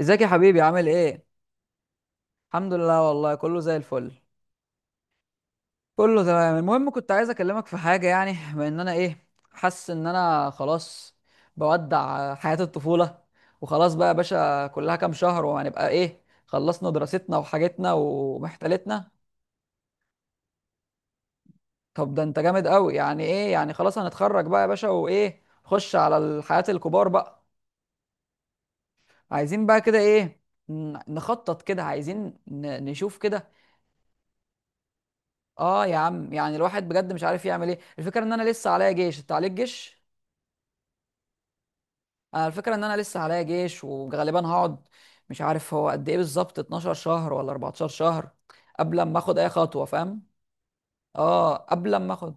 ازيك يا حبيبي، عامل ايه؟ الحمد لله، والله كله زي الفل. كله تمام. المهم كنت عايز اكلمك في حاجه، يعني بما ان انا ايه حاسس ان انا خلاص بودع حياه الطفوله. وخلاص بقى يا باشا، كلها كام شهر وهنبقى ايه خلصنا دراستنا وحاجتنا ومحتلتنا. طب ده انت جامد قوي، يعني ايه يعني، خلاص هنتخرج بقى يا باشا، وايه نخش على الحياه الكبار بقى. عايزين بقى كده ايه، نخطط كده، عايزين نشوف كده. اه يا عم، يعني الواحد بجد مش عارف يعمل ايه، الفكره ان انا لسه عليا جيش، انت عليك جيش. انا الفكره ان انا لسه عليا جيش وغالبا هقعد، مش عارف هو قد ايه بالظبط، 12 شهر ولا 14 شهر، قبل ما اخد اي خطوه فاهم. اه قبل ما اخد.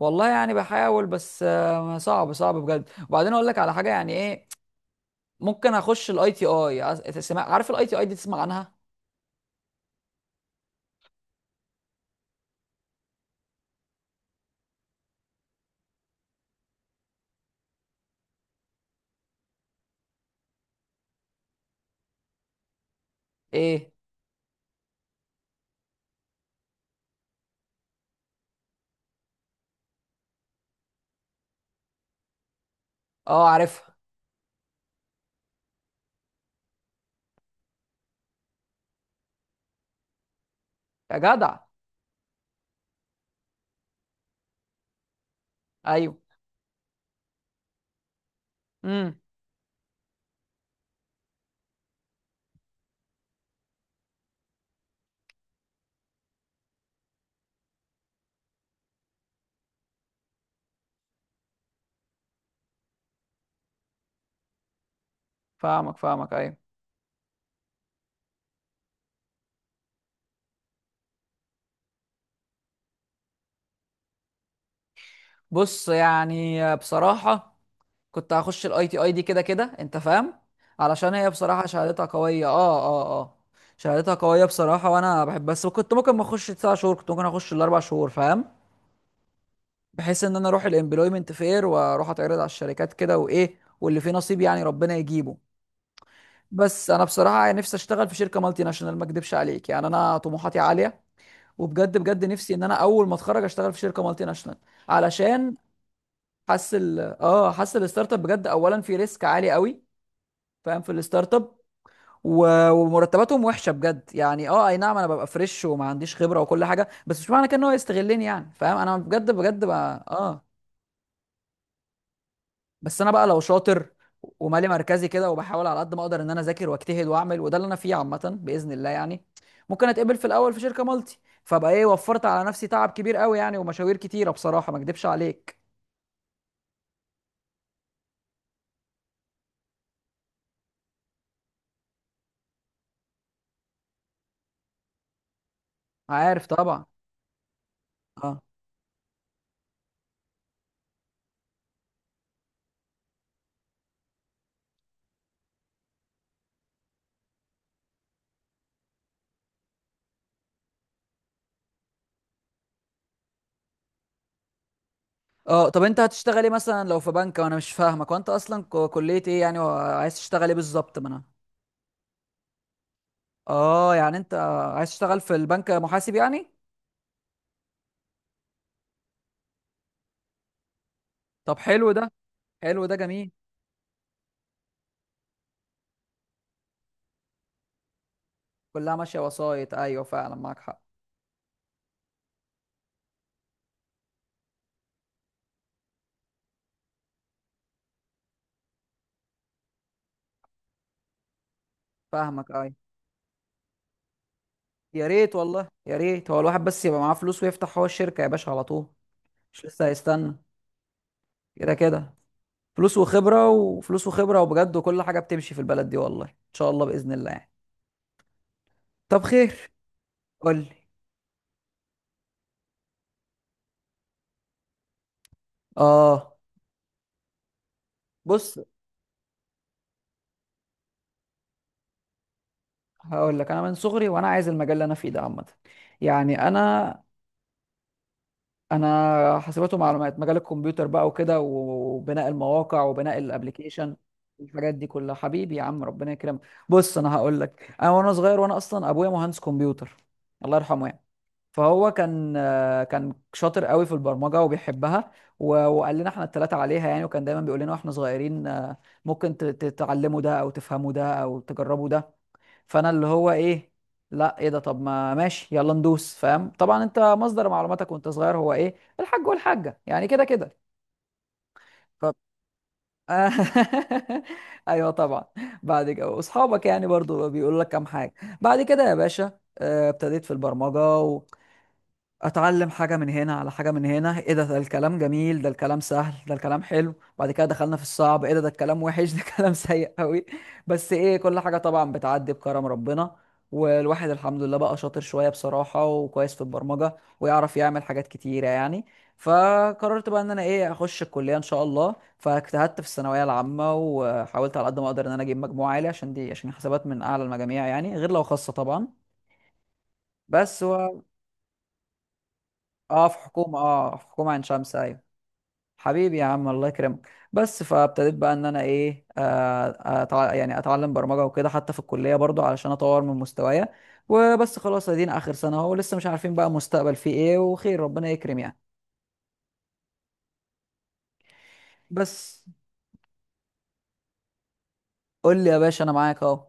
والله يعني بحاول، بس صعب صعب بجد. وبعدين اقول لك على حاجه يعني ايه، ممكن اخش الاي تي اي. عارف الاي تي اي دي؟ تسمع عنها؟ ايه؟ اه عارفها. يا جدع. ايوه. امم فاهمك فاهمك، ايوه. بص، يعني بصراحه كنت هخش الاي تي اي دي كده كده، انت فاهم، علشان هي بصراحه شهادتها قويه. اه شهادتها قويه بصراحه، وانا بحب، بس كنت ممكن ما اخش تسع شهور، كنت ممكن اخش الاربع شهور فاهم. بحيث ان انا اروح الامبلويمنت فير، واروح اتعرض على الشركات كده وايه، واللي فيه نصيب يعني ربنا يجيبه. بس انا بصراحه نفسي اشتغل في شركه مالتي ناشونال، ما اكدبش عليك، يعني انا طموحاتي عاليه، وبجد بجد نفسي ان انا اول ما اتخرج اشتغل في شركه مالتي ناشونال. علشان حاسس حاسس الستارت اب بجد، اولا في ريسك عالي قوي فاهم، في الستارت اب، ومرتباتهم وحشه بجد. يعني اه اي نعم، انا ببقى فريش وما عنديش خبره وكل حاجه، بس مش معنى كده ان هو يستغلني يعني، فاهم، انا بجد بجد بقى اه. بس انا بقى لو شاطر ومالي مركزي كده، وبحاول على قد ما اقدر ان انا اذاكر واجتهد واعمل، وده اللي انا فيه عامه باذن الله يعني. ممكن اتقبل في الاول في شركه مالتي، فبقى ايه وفرت على نفسي تعب كبير قوي يعني، ومشاوير كتيره بصراحه، ما اكدبش عليك. عارف طبعا. اه. اه طب انت هتشتغل ايه مثلا لو في بنك، وانا مش فاهمك، وانت اصلا كليه ايه يعني، وعايز تشتغل ايه بالظبط، ما انا. اه يعني انت عايز تشتغل في البنك محاسب يعني. طب حلو ده. حلو ده، جميل. كلها ماشيه وسايط، ايوه فعلا معاك حق. فاهمك، ايوه. يا ريت والله يا ريت، هو الواحد بس يبقى معاه فلوس ويفتح هو الشركه يا باشا على طول. مش لسه هيستنى. كده كده فلوس وخبره وفلوس وخبره، وبجد وكل حاجه بتمشي في البلد دي، والله ان شاء الله باذن الله يعني. طب خير، قول لي. اه. بص، هقول لك انا من صغري وانا عايز المجال اللي انا فيه ده عامه. يعني انا حاسبات ومعلومات، مجال الكمبيوتر بقى وكده، وبناء المواقع وبناء الابليكيشن. الحاجات دي كلها حبيبي يا عم ربنا يكرمك. بص انا هقول لك، انا وانا صغير، وانا اصلا ابويا مهندس كمبيوتر، الله يرحمه يعني. فهو كان كان شاطر قوي في البرمجه وبيحبها. وقال لنا احنا الثلاثه عليها يعني، وكان دايما بيقول لنا واحنا صغيرين، ممكن تتعلموا ده او تفهموا ده او تجربوا ده. فانا اللي هو ايه، لا ايه ده، طب ما ماشي يلا ندوس، فاهم طبعا، انت مصدر معلوماتك وانت صغير هو ايه الحاج والحاجه يعني، كده كده. ف... ايوه طبعا. بعد كده واصحابك يعني برضو بيقولوا لك كام حاجه. بعد كده يا باشا، ابتديت في البرمجه، اتعلم حاجه من هنا على حاجه من هنا، ايه ده الكلام جميل، ده الكلام سهل، ده الكلام حلو. بعد كده دخلنا في الصعب، ايه ده الكلام وحش، ده كلام سيء قوي. بس ايه، كل حاجه طبعا بتعدي بكرم ربنا. والواحد الحمد لله بقى شاطر شويه بصراحه، وكويس في البرمجه، ويعرف يعمل حاجات كتيره يعني. فقررت بقى ان انا ايه اخش الكليه ان شاء الله، فاجتهدت في الثانويه العامه، وحاولت على قد ما اقدر ان انا اجيب مجموع عالي عشان دي، عشان حسابات من اعلى المجاميع يعني، غير لو خاصه طبعا. بس اه في حكومه، اه في حكومه عين شمس أيوة. حبيبي يا عم الله يكرمك. بس فابتديت بقى ان انا ايه، يعني اتعلم برمجه وكده حتى في الكليه برضو علشان اطور من مستوايا. وبس خلاص، ادينا اخر سنه اهو، لسه مش عارفين بقى مستقبل فيه ايه، وخير ربنا يكرم يعني. بس قول لي يا باشا، انا معاك اهو.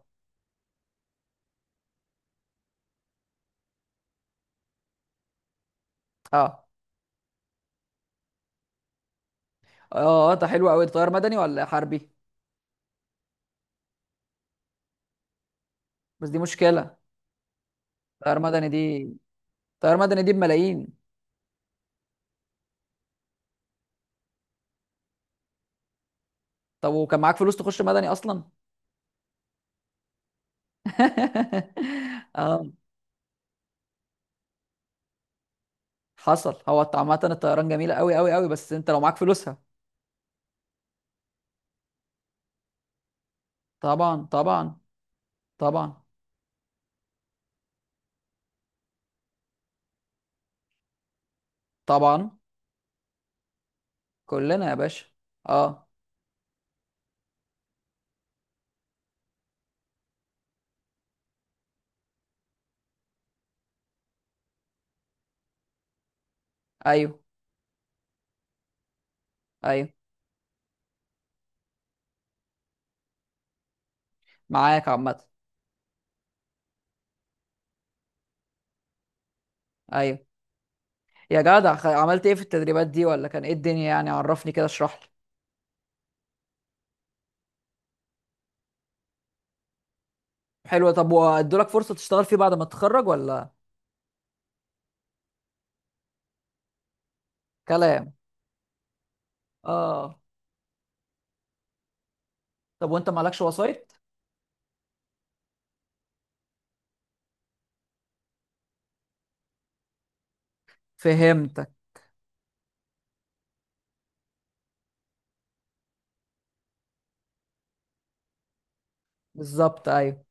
اه. اه ده حلو قوي، طيار مدني ولا حربي؟ بس دي مشكله. طيار مدني دي، طيار مدني دي بملايين. طب وكان معاك فلوس تخش مدني اصلا؟ اه حصل، هو عامة الطيران جميلة قوي قوي قوي، بس انت لو معاك فلوسها. طبعا طبعا. طبعا طبعا كلنا يا باشا. اه. ايوه ايوه، معاك عامة. ايوه يا جدع، عملت ايه في التدريبات دي، ولا كان ايه الدنيا يعني، عرفني كده، اشرح لي. حلو، طب وادولك فرصة تشتغل فيه بعد ما تتخرج ولا؟ كلام. اه، طب وانت مالكش وسايط؟ فهمتك. بالظبط. ايوه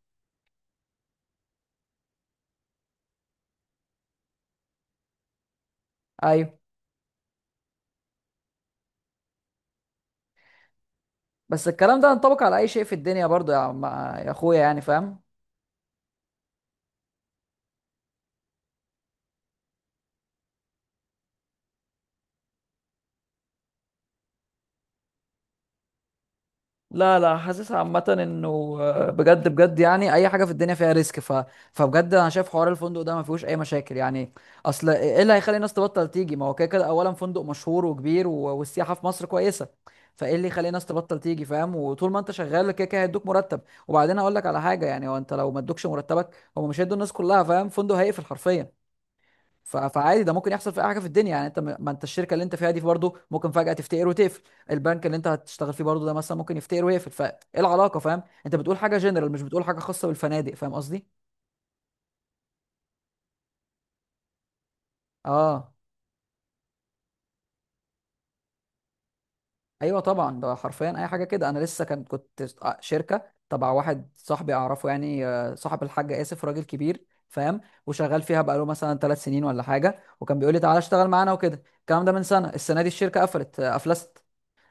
ايوه. بس الكلام ده ينطبق على اي شيء في الدنيا برضو، يا عم يا اخويا يعني، فاهم؟ لا لا. حاسس عامة انه بجد بجد، يعني اي حاجة في الدنيا فيها ريسك. فبجد انا شايف حوار الفندق ده ما فيهوش اي مشاكل يعني. اصل ايه، إيه اللي هيخلي الناس تبطل تيجي؟ ما هو كده كده اولا فندق مشهور وكبير والسياحة في مصر كويسة، فايه اللي يخلي الناس تبطل تيجي فاهم، وطول ما انت شغال كده كده هيدوك مرتب. وبعدين اقول لك على حاجة يعني، هو انت لو ما ادوكش مرتبك، هم مش هيدوا الناس كلها فاهم، فندق هيقفل حرفيا. فعادي، ده ممكن يحصل في اي حاجه في الدنيا يعني، انت ما انت الشركه اللي انت فيها دي برضه ممكن فجاه تفتقر وتقفل. البنك اللي انت هتشتغل فيه برضه ده مثلا ممكن يفتقر ويقفل، فايه العلاقه؟ فاهم؟ انت بتقول حاجه جنرال، مش بتقول حاجه خاصه بالفنادق، فاهم قصدي. اه ايوه طبعا، ده حرفيا اي حاجه كده. انا لسه كنت شركه تبع واحد صاحبي اعرفه يعني، صاحب الحاج اسف، راجل كبير فاهم، وشغال فيها بقاله مثلا ثلاث سنين ولا حاجه، وكان بيقول لي تعالى اشتغل معانا وكده، الكلام ده من سنه. السنه دي الشركه قفلت، افلست،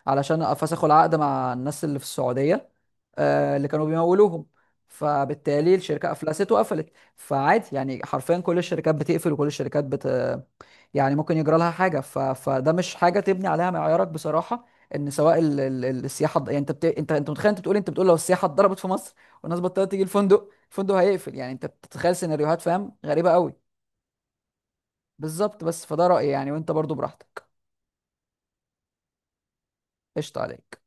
علشان فسخوا العقد مع الناس اللي في السعودية، اللي كانوا بيمولوهم، فبالتالي الشركة أفلست وقفلت. فعادي يعني، حرفيا كل الشركات بتقفل وكل الشركات بت، يعني ممكن يجرى لها حاجة. فده مش حاجة تبني عليها معيارك بصراحة، ان سواء السياحة يعني انت انت متخيل، انت بتقول إيه؟ انت بتقول لو السياحة اتضربت في مصر، والناس بطلت تيجي، الفندق هيقفل، يعني انت بتتخيل سيناريوهات فاهم، غريبة قوي. بالظبط. بس فده رأيي يعني، وانت برضو براحتك. قشطة عليك.